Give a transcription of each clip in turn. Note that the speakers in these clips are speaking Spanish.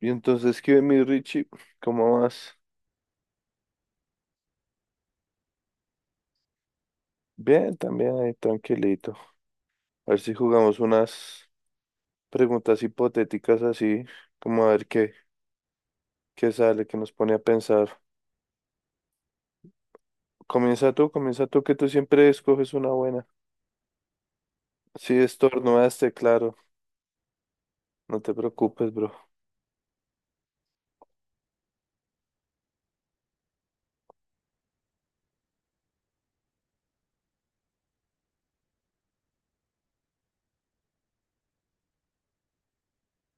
Y entonces, ¿qué mi Richie? ¿Cómo vas? Bien, también ahí tranquilito. A ver si jugamos unas preguntas hipotéticas así, como a ver qué, qué sale, qué nos pone a pensar. Comienza tú, que tú siempre escoges una buena. Sí, estornudaste, claro. No te preocupes, bro.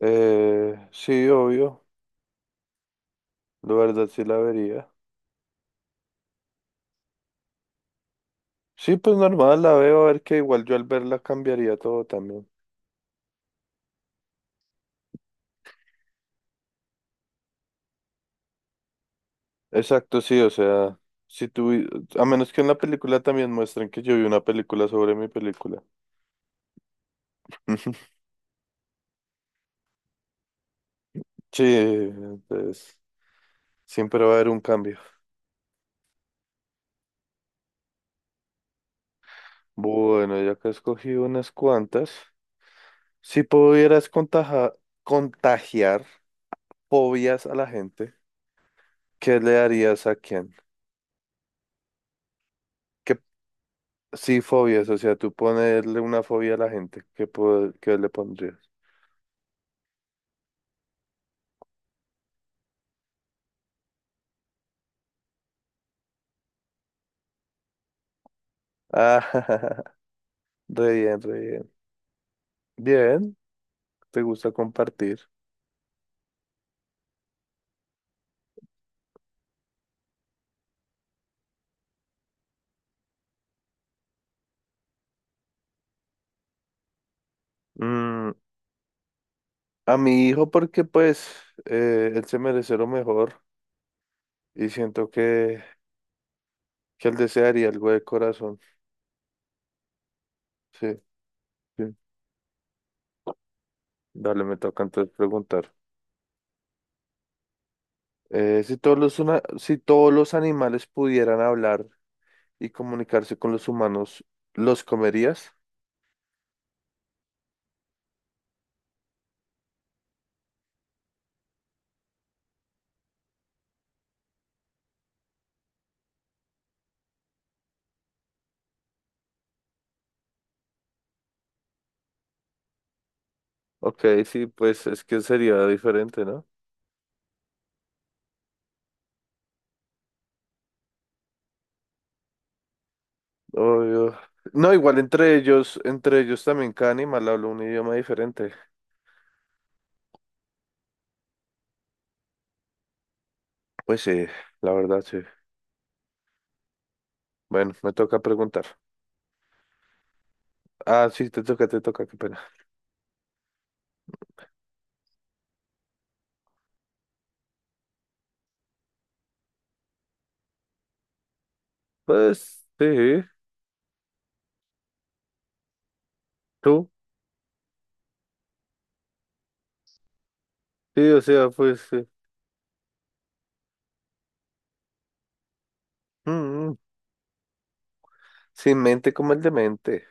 Sí, obvio. La verdad sí la vería. Sí, pues normal, la veo, a ver que igual yo al verla cambiaría todo también. Exacto, sí, o sea, si tú, a menos que en la película también muestren que yo vi una película sobre mi película. Sí, entonces siempre va a haber un cambio. Bueno, ya que he escogido unas cuantas, si pudieras contagiar fobias a la gente, ¿qué le darías a quién? ¿Qué, sí, fobias, o sea, tú ponerle una fobia a la gente, ¿ qué le pondrías? Ah, re bien, re bien. Bien, te gusta compartir. Mm, a mi hijo porque pues él se merece lo mejor y siento que él desearía algo de corazón. Sí, sí. Dale, me toca entonces preguntar. Si todos los animales pudieran hablar y comunicarse con los humanos, ¿los comerías? Ok, sí, pues es que sería diferente, ¿no? Obvio. No, igual entre ellos también cada animal habla un idioma diferente. Pues sí, la verdad sí. Bueno, me toca preguntar. Ah, sí, te toca, qué pena. Pues sí, tú, sí, o sea, pues mm, sin mente como el demente.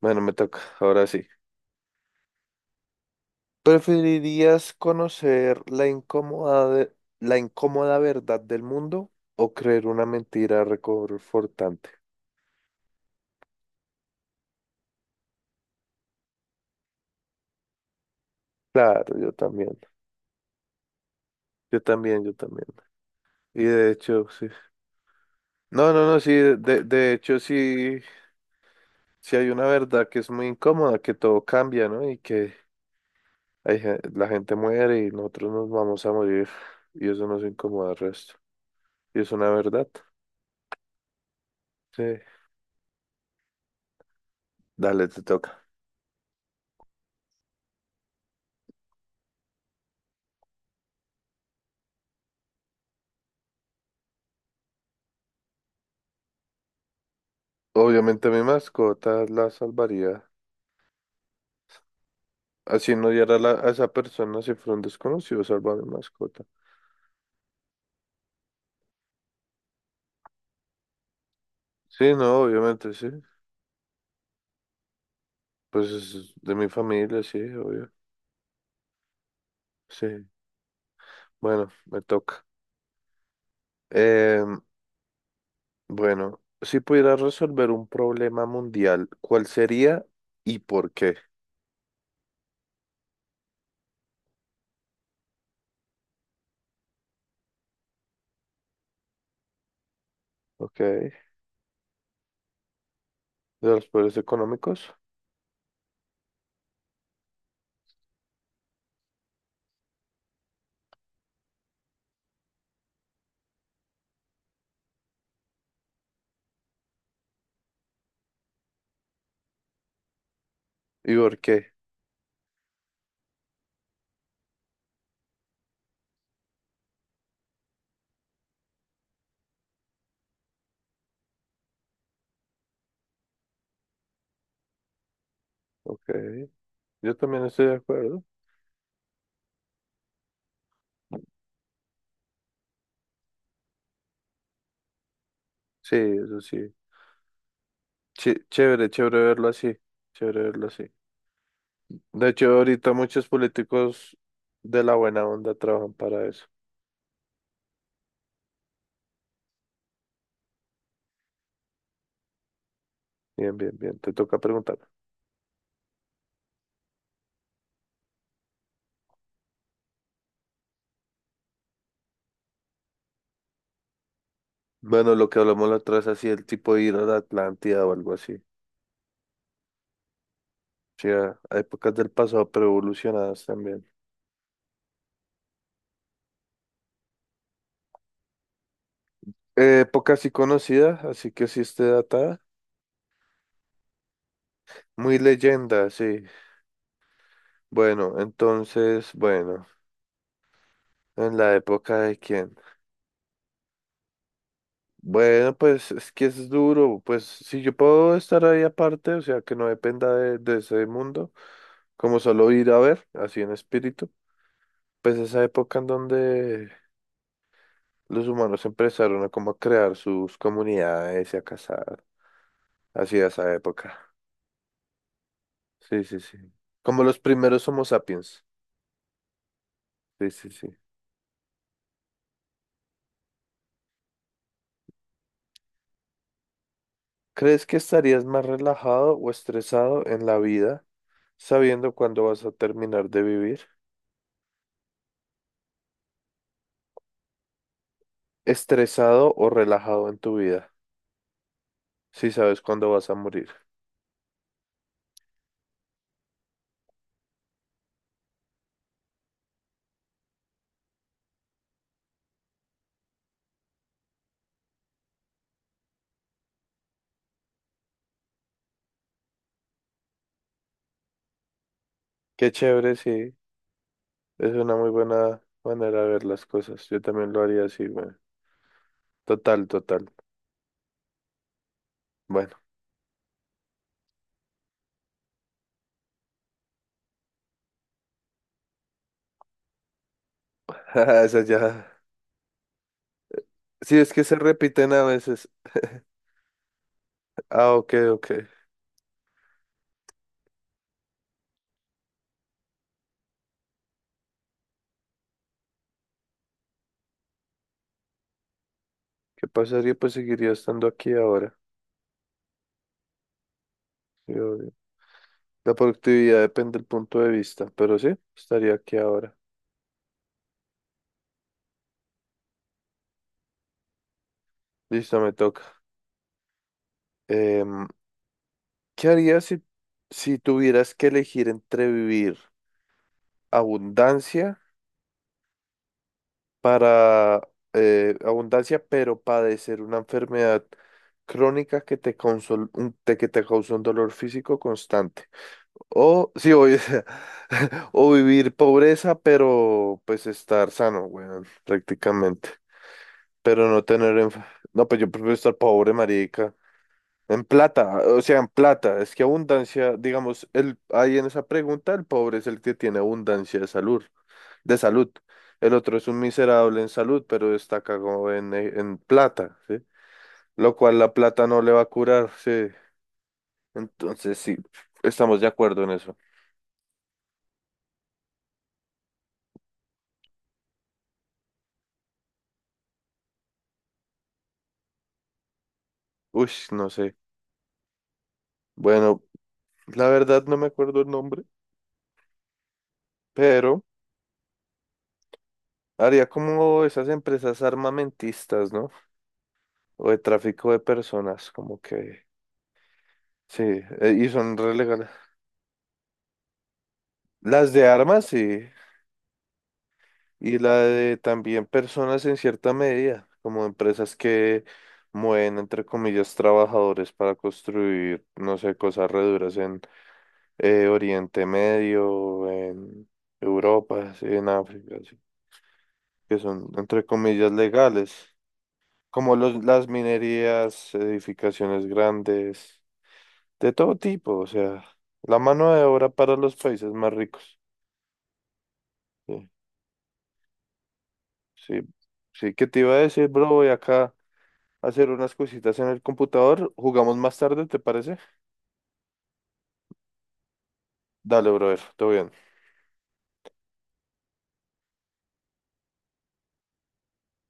Bueno, me toca, ahora sí. ¿Preferirías conocer la incómoda verdad del mundo o creer una mentira reconfortante? Claro, yo también, yo también, yo también. Y de hecho, sí. No, no, no, sí, de hecho, sí, sí hay una verdad que es muy incómoda, que todo cambia, ¿no? Y que. La gente muere y nosotros nos vamos a morir y eso nos incomoda al resto. Y es una verdad. Sí. Dale, te toca. Obviamente mi mascota la salvaría. Así no diera la- A esa persona si fuera un desconocido, salva a mi mascota. Sí, no, obviamente, sí. Pues es de mi familia, sí, obvio. Sí. Bueno, me toca. Eh, bueno, si pudiera resolver un problema mundial, ¿cuál sería y por qué? Ok. ¿De los poderes económicos? ¿Y por qué? Ok, yo también estoy de acuerdo. Sí, eso sí. Chévere, chévere verlo así. Chévere verlo así. De hecho, ahorita muchos políticos de la buena onda trabajan para eso. Bien, bien, bien. Te toca preguntar. Bueno, lo que hablamos la otra vez, así el tipo de ir a la Atlántida o algo así. Sí, a épocas del pasado, pero evolucionadas también. Época sí conocida, así que sí esté datada. Muy leyenda, sí. Bueno, entonces, en la época de quién. Bueno, pues es que es duro, pues si yo puedo estar ahí aparte, o sea, que no dependa de ese mundo, como solo ir a ver, así en espíritu, pues esa época en donde los humanos empezaron a como a crear sus comunidades y a cazar, así esa época, sí, sí, sí, como los primeros Homo sapiens, sí, sí, sí. ¿Crees que estarías más relajado o estresado en la vida, sabiendo cuándo vas a terminar de vivir? ¿Estresado o relajado en tu vida? Si sabes cuándo vas a morir. Qué chévere, sí. Es una muy buena manera de ver las cosas. Yo también lo haría así, bueno. Total, total. Bueno, esa ya. Sí, es que se repiten a veces. Ah, ok, ok. ¿Qué pasaría? Pues seguiría estando aquí ahora. Sí, obvio. La productividad depende del punto de vista, pero sí, estaría aquí ahora. Listo, me toca. Em, ¿Qué harías si tuvieras que elegir entre vivir abundancia? Para abundancia, pero padecer una enfermedad crónica que te, consol- un- te- que te causa un dolor físico constante. O, sí, o, o vivir pobreza, pero pues estar sano, weón, prácticamente. Pero no tener... enf- No, pues yo prefiero estar pobre, marica. En plata, o sea, en plata. Es que abundancia, digamos, el, ahí en esa pregunta, el pobre es el que tiene abundancia de salud de salud. El otro es un miserable en salud, pero está cagado en plata, ¿sí? Lo cual la plata no le va a curar, sí. Entonces, sí, estamos de acuerdo en eso. Uy, no sé. Bueno, la verdad no me acuerdo el nombre, pero haría como esas empresas armamentistas, ¿no? O de tráfico de personas, como que, sí, y son re legales. Las de armas, sí. Y la de también personas en cierta medida, como empresas que mueven, entre comillas, trabajadores para construir, no sé, cosas reduras en Oriente Medio, en Europa, sí, en África, sí, que son, entre comillas, legales, como las minerías, edificaciones grandes, de todo tipo, o sea, la mano de obra para los países más ricos. Sí, sí, sí, ¿qué te iba a decir, bro? Voy acá. Hacer unas cositas en el computador. Jugamos más tarde, ¿te parece? Dale, brother, todo bien.